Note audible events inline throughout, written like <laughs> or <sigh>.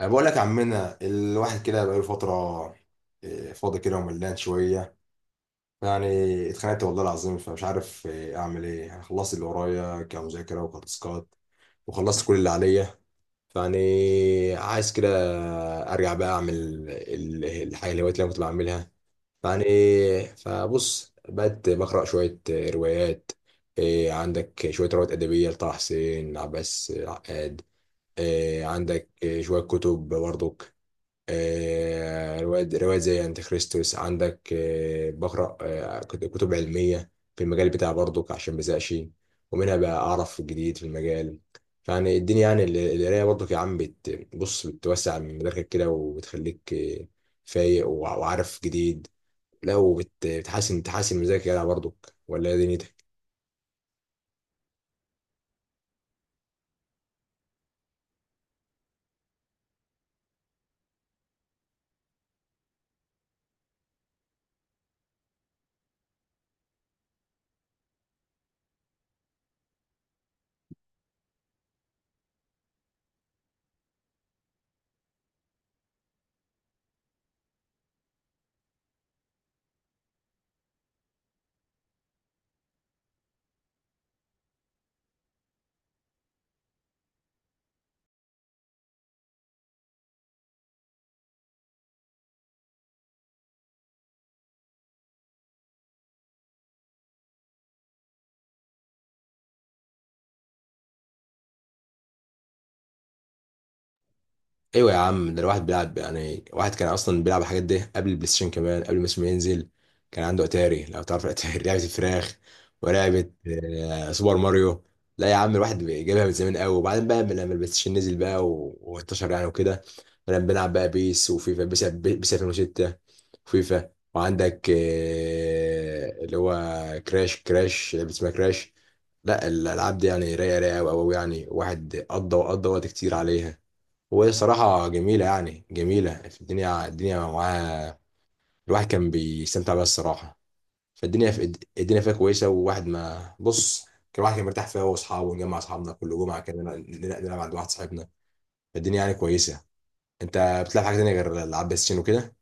أنا بقول لك عمنا الواحد كده بقاله فترة. فاضي كده وملان شوية يعني. اتخنقت والله العظيم، فمش عارف أعمل إيه يعني. خلصت اللي ورايا كمذاكرة وكتاسكات، وخلصت كل اللي عليا. فيعني عايز كده أرجع بقى أعمل الحاجة الهوايات اللي أنا كنت بعملها. فيعني، فبص بقيت بقرأ شوية روايات. عندك شوية روايات أدبية لطه حسين، عباس عقاد. عندك شوية كتب برضك. روايات روايات زي أنتي خريستوس. عندك بقرأ كتب علمية في المجال بتاعي برضو عشان مزهقش، ومنها بقى أعرف الجديد في المجال. فيعني الدنيا، يعني القراية برضو يا عم، بص بتوسع من مداركك كده، وبتخليك فايق وعارف جديد. لا، وبتحسن تحسن مزاجك كده برضو. ولا إيه دنيتك؟ ايوه يا عم، ده الواحد بيلعب يعني. واحد كان اصلا بيلعب الحاجات دي قبل البلاي ستيشن، كمان قبل ما اسمه ينزل كان عنده اتاري. لو تعرف الاتاري <laughs> لعبه الفراخ، ولعبه سوبر ماريو. لا يا عم، الواحد جايبها من زمان قوي. وبعدين بقى لما البلاي ستيشن نزل بقى وانتشر يعني وكده، بدأنا بنلعب بقى بيس وفيفا. بيس 2006، وفيفا. وعندك اللي هو كراش لعبه اسمها كراش. لا الالعاب دي يعني رايقه رايقه قوي قوي يعني. واحد قضى وقت كتير عليها. وهي صراحة جميلة، يعني جميلة. في الدنيا الدنيا معاها الواحد كان بيستمتع بيها الصراحة. فالدنيا في الدنيا فيها كويسة. وواحد، ما بص، كان الواحد كان مرتاح فيها هو وأصحابه. ونجمع أصحابنا كل جمعة كده نلعب عند واحد صاحبنا. فالدنيا يعني كويسة. أنت بتلعب حاجة تانية غير ألعاب بلاي ستيشن وكده؟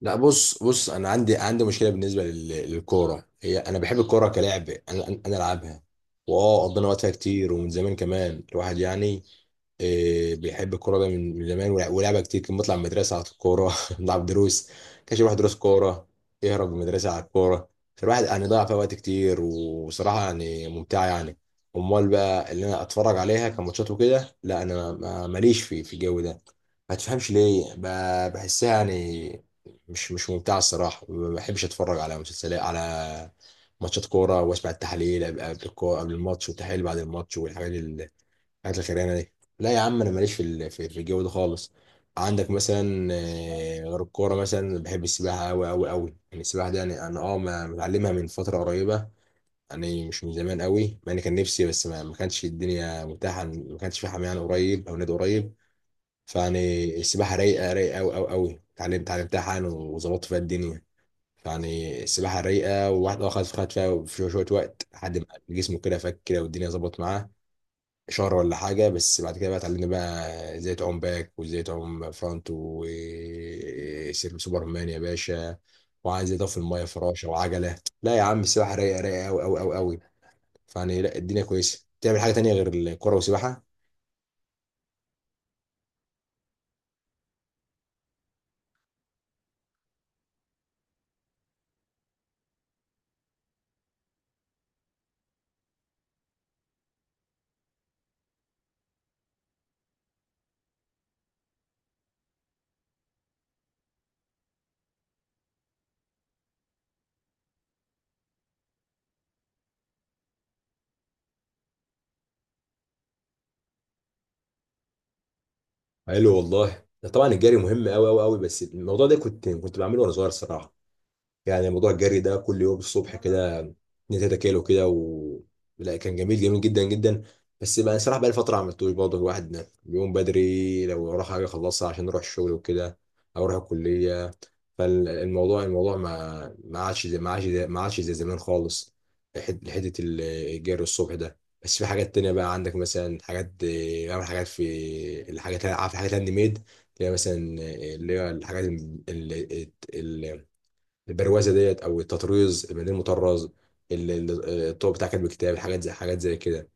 لا بص انا عندي مشكله بالنسبه للكوره. هي انا بحب الكوره كلعب، انا العبها. واه قضينا وقتها كتير، ومن زمان كمان الواحد يعني إيه، بيحب الكوره ده من زمان. ولعبها كتير. كان بنطلع من المدرسه على الكوره <laughs> نلعب دروس. كانش الواحد دروس كوره، يهرب من المدرسه على الكوره. فالواحد يعني ضيع فيها وقت كتير. وصراحه يعني ممتعه يعني. امال بقى اللي انا اتفرج عليها كماتشات وكده، لا انا ماليش في الجو ده. ما تفهمش ليه، بحسها يعني مش ممتعه الصراحه. ما بحبش اتفرج على مسلسلات، على ماتشات كوره، واسمع التحاليل قبل الكوره، قبل الماتش، والتحاليل بعد الماتش، والحاجات الحاجات الخيرانه دي. لا يا عم، انا ماليش في الجو ده خالص. عندك مثلا غير الكوره، مثلا بحب السباحه قوي قوي قوي يعني. السباحه دي يعني انا متعلمها من فتره قريبه يعني. مش من زمان قوي، مع اني كان نفسي، بس ما كانش الدنيا متاحه. ما كانش في حمام يعني قريب، او نادي قريب. فيعني السباحه رايقه رايقه قوي قوي قوي. اتعلمتها حالا وظبطت فيها الدنيا. يعني السباحة رايقة. وواحد خد خد فيها في شوية شوية وقت، لحد ما جسمه كده فك كده، والدنيا ظبطت معاه. شهر ولا حاجة، بس بعد كده بقى اتعلمنا بقى ازاي تعوم باك، وازاي تعوم فرونت، وسوبر مان يا باشا. وعايز ازاي تقف في المية، فراشة، وعجلة. لا يا عم، السباحة رايقة رايقة أوي أوي أوي أوي. فيعني، لا الدنيا كويسة. تعمل حاجة تانية غير الكورة والسباحة؟ قال له والله، ده طبعا الجري مهم أوي أوي أوي. بس الموضوع ده كنت بعمله وأنا صغير الصراحة. يعني موضوع الجري ده كل يوم الصبح كده، 2 3 كيلو كده. و لا، كان جميل جميل جدا جدا. بس بقى صراحة بقى لي فترة ما عملتوش برضه. الواحد بيقوم بدري لو وراه حاجة أخلصها، عشان أروح الشغل وكده، أو أروح الكلية. فالموضوع، الموضوع ما ما عادش زي ما عادش زي ما عادش زي زمان خالص، حتة الجري الصبح ده. بس في حاجات تانية بقى. عندك مثلا حاجات، بعمل حاجات في الحاجات، عارف الحاجات الهاند ميد، اللي هي مثلا، اللي هي الحاجات البروازه ديت، او التطريز البليل المطرز، الطوب بتاع كاتب الكتاب، الحاجات زي حاجات زي كده،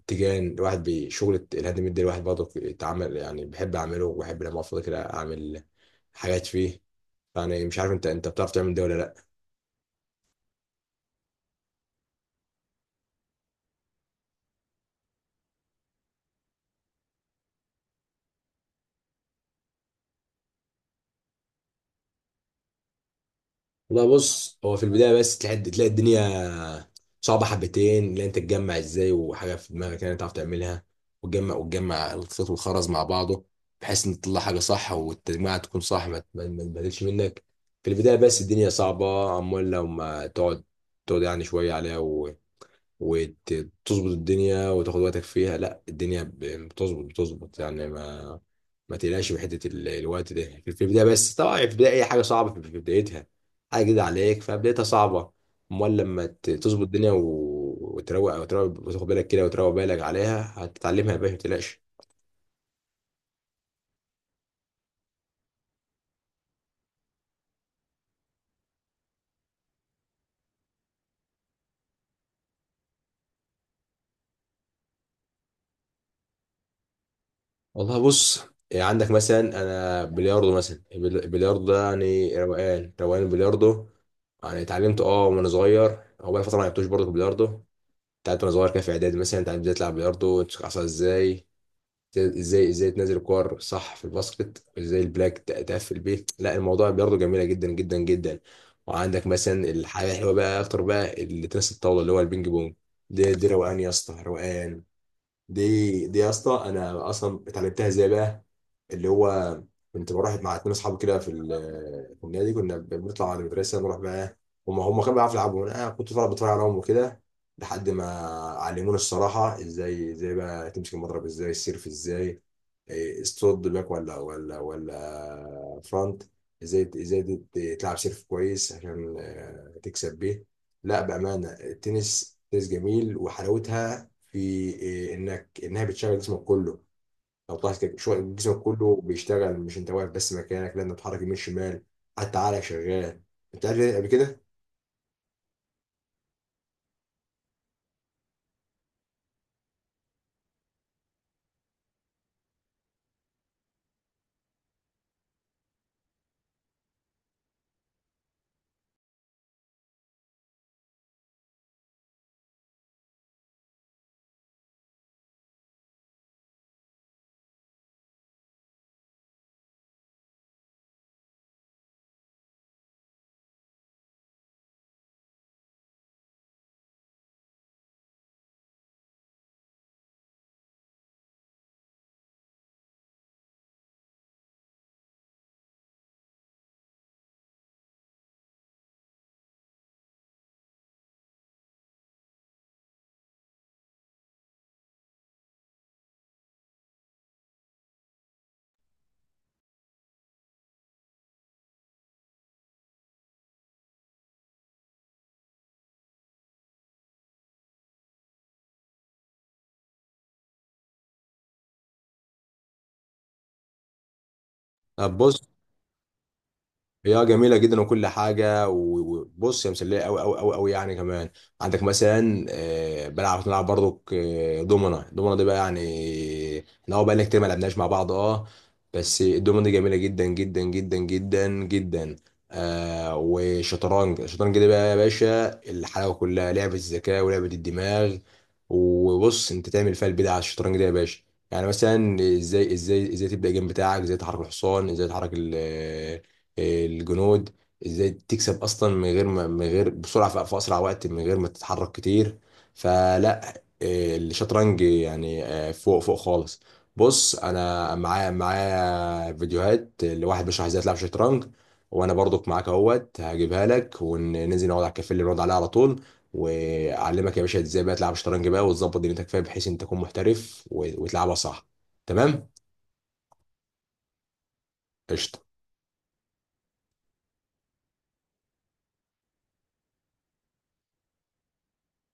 التيجان. الواحد بشغل الهاند ميد ده، الواحد برضه اتعمل يعني، بحب اعمله، وبحب لما افضل كده اعمل حاجات فيه. يعني مش عارف، انت بتعرف تعمل ده ولا لا؟ والله بص، هو في البدايه بس تلاقي الدنيا صعبه حبتين. اللي انت تتجمع ازاي، وحاجه في دماغك يعني تعرف تعملها، وتجمع الخيط والخرز مع بعضه، بحيث ان تطلع حاجه صح، والتجميعه تكون صح، ما تبهدلش منك. في البدايه بس الدنيا صعبه. امال لو ما تقعد يعني شويه عليها، وتظبط الدنيا، وتاخد وقتك فيها، لا الدنيا يعني بتظبط يعني. ما تقلقش من حته الوقت ده في في البدايه. بس طبعا في البدايه اي حاجه صعبه في في بدايتها. حاجه جديده عليك، فبدايتها صعبه. امال لما تظبط الدنيا، وتروق، وتاخد بالك كده، وتروق بالك عليها، هتتعلمها يا باشا، ما تقلقش. والله بص، يعني عندك مثلا انا بلياردو مثلا. البلياردو ده يعني روقان روقان البلياردو. يعني اتعلمت وانا صغير، هو بقى فتره ما لعبتوش برضه في البلياردو بتاعت وانا صغير كده. في اعدادي مثلا اتعلمت ازاي تلعب بلياردو، تمسك عصا ازاي تنزل كور صح في الباسكت، ازاي البلاك تقفل بيه. لا الموضوع بلياردو جميله جدا جدا جدا. وعندك مثلا الحاجه الحلوه بقى اكتر بقى اللي تنس الطاوله، اللي هو البينج بونج. دي دي روقان يا اسطى، روقان. دي دي يا اسطى، انا اصلا اتعلمتها ازاي بقى؟ اللي هو كنت بروح مع اتنين اصحابي كده في النادي. كنا بنطلع على المدرسه نروح بقى، هم كانوا بيعرفوا يلعبوا، انا كنت طالع بتفرج عليهم وكده لحد ما علمونا الصراحه ازاي، ازاي بقى تمسك المضرب، ازاي السيرف، ازاي إيه، الصد باك ولا فرونت، ازاي تلعب سيرف كويس عشان تكسب بيه. لا بامانه التنس، تنس جميل، وحلاوتها في إيه، انها بتشغل جسمك كله. لو طلعت، جسمك كله بيشتغل، مش انت واقف بس مكانك، لان بتحرك يمين شمال، حتى عقلك شغال. انت قال لي قبل كده؟ طب بص، هي جميلة جدا وكل حاجة. وبص، هي مسلية أوي أوي أوي أوي يعني. كمان عندك مثلا بنلعب برضو دومنا دي بقى يعني، احنا هو بقى لنا كتير ما لعبناش مع بعض بس الدومنا دي جميلة جدا جدا جدا جدا جدا. والشطرنج، الشطرنج دي بقى يا باشا الحلاوة كلها. لعبة الذكاء، ولعبة الدماغ. وبص انت تعمل فيها البدع على الشطرنج ده يا باشا. يعني مثلا ازاي، ازاي تبدأ الجيم بتاعك، ازاي تحرك الحصان، ازاي تحرك الجنود، ازاي تكسب اصلا من غير ما، من غير بسرعه، في اسرع وقت من غير ما تتحرك كتير. فلا إيه، الشطرنج يعني فوق فوق خالص. بص انا، معايا فيديوهات لواحد بيشرح ازاي تلعب شطرنج، وانا برضك معاك اهوت. هجيبها لك وننزل نقعد على الكافيه اللي بنقعد عليه على طول، واعلمك يا باشا ازاي بقى تلعب شطرنج بقى، وتظبط دنيتك فيها، بحيث انت تكون محترف وتلعبها صح. تمام؟ قشطة.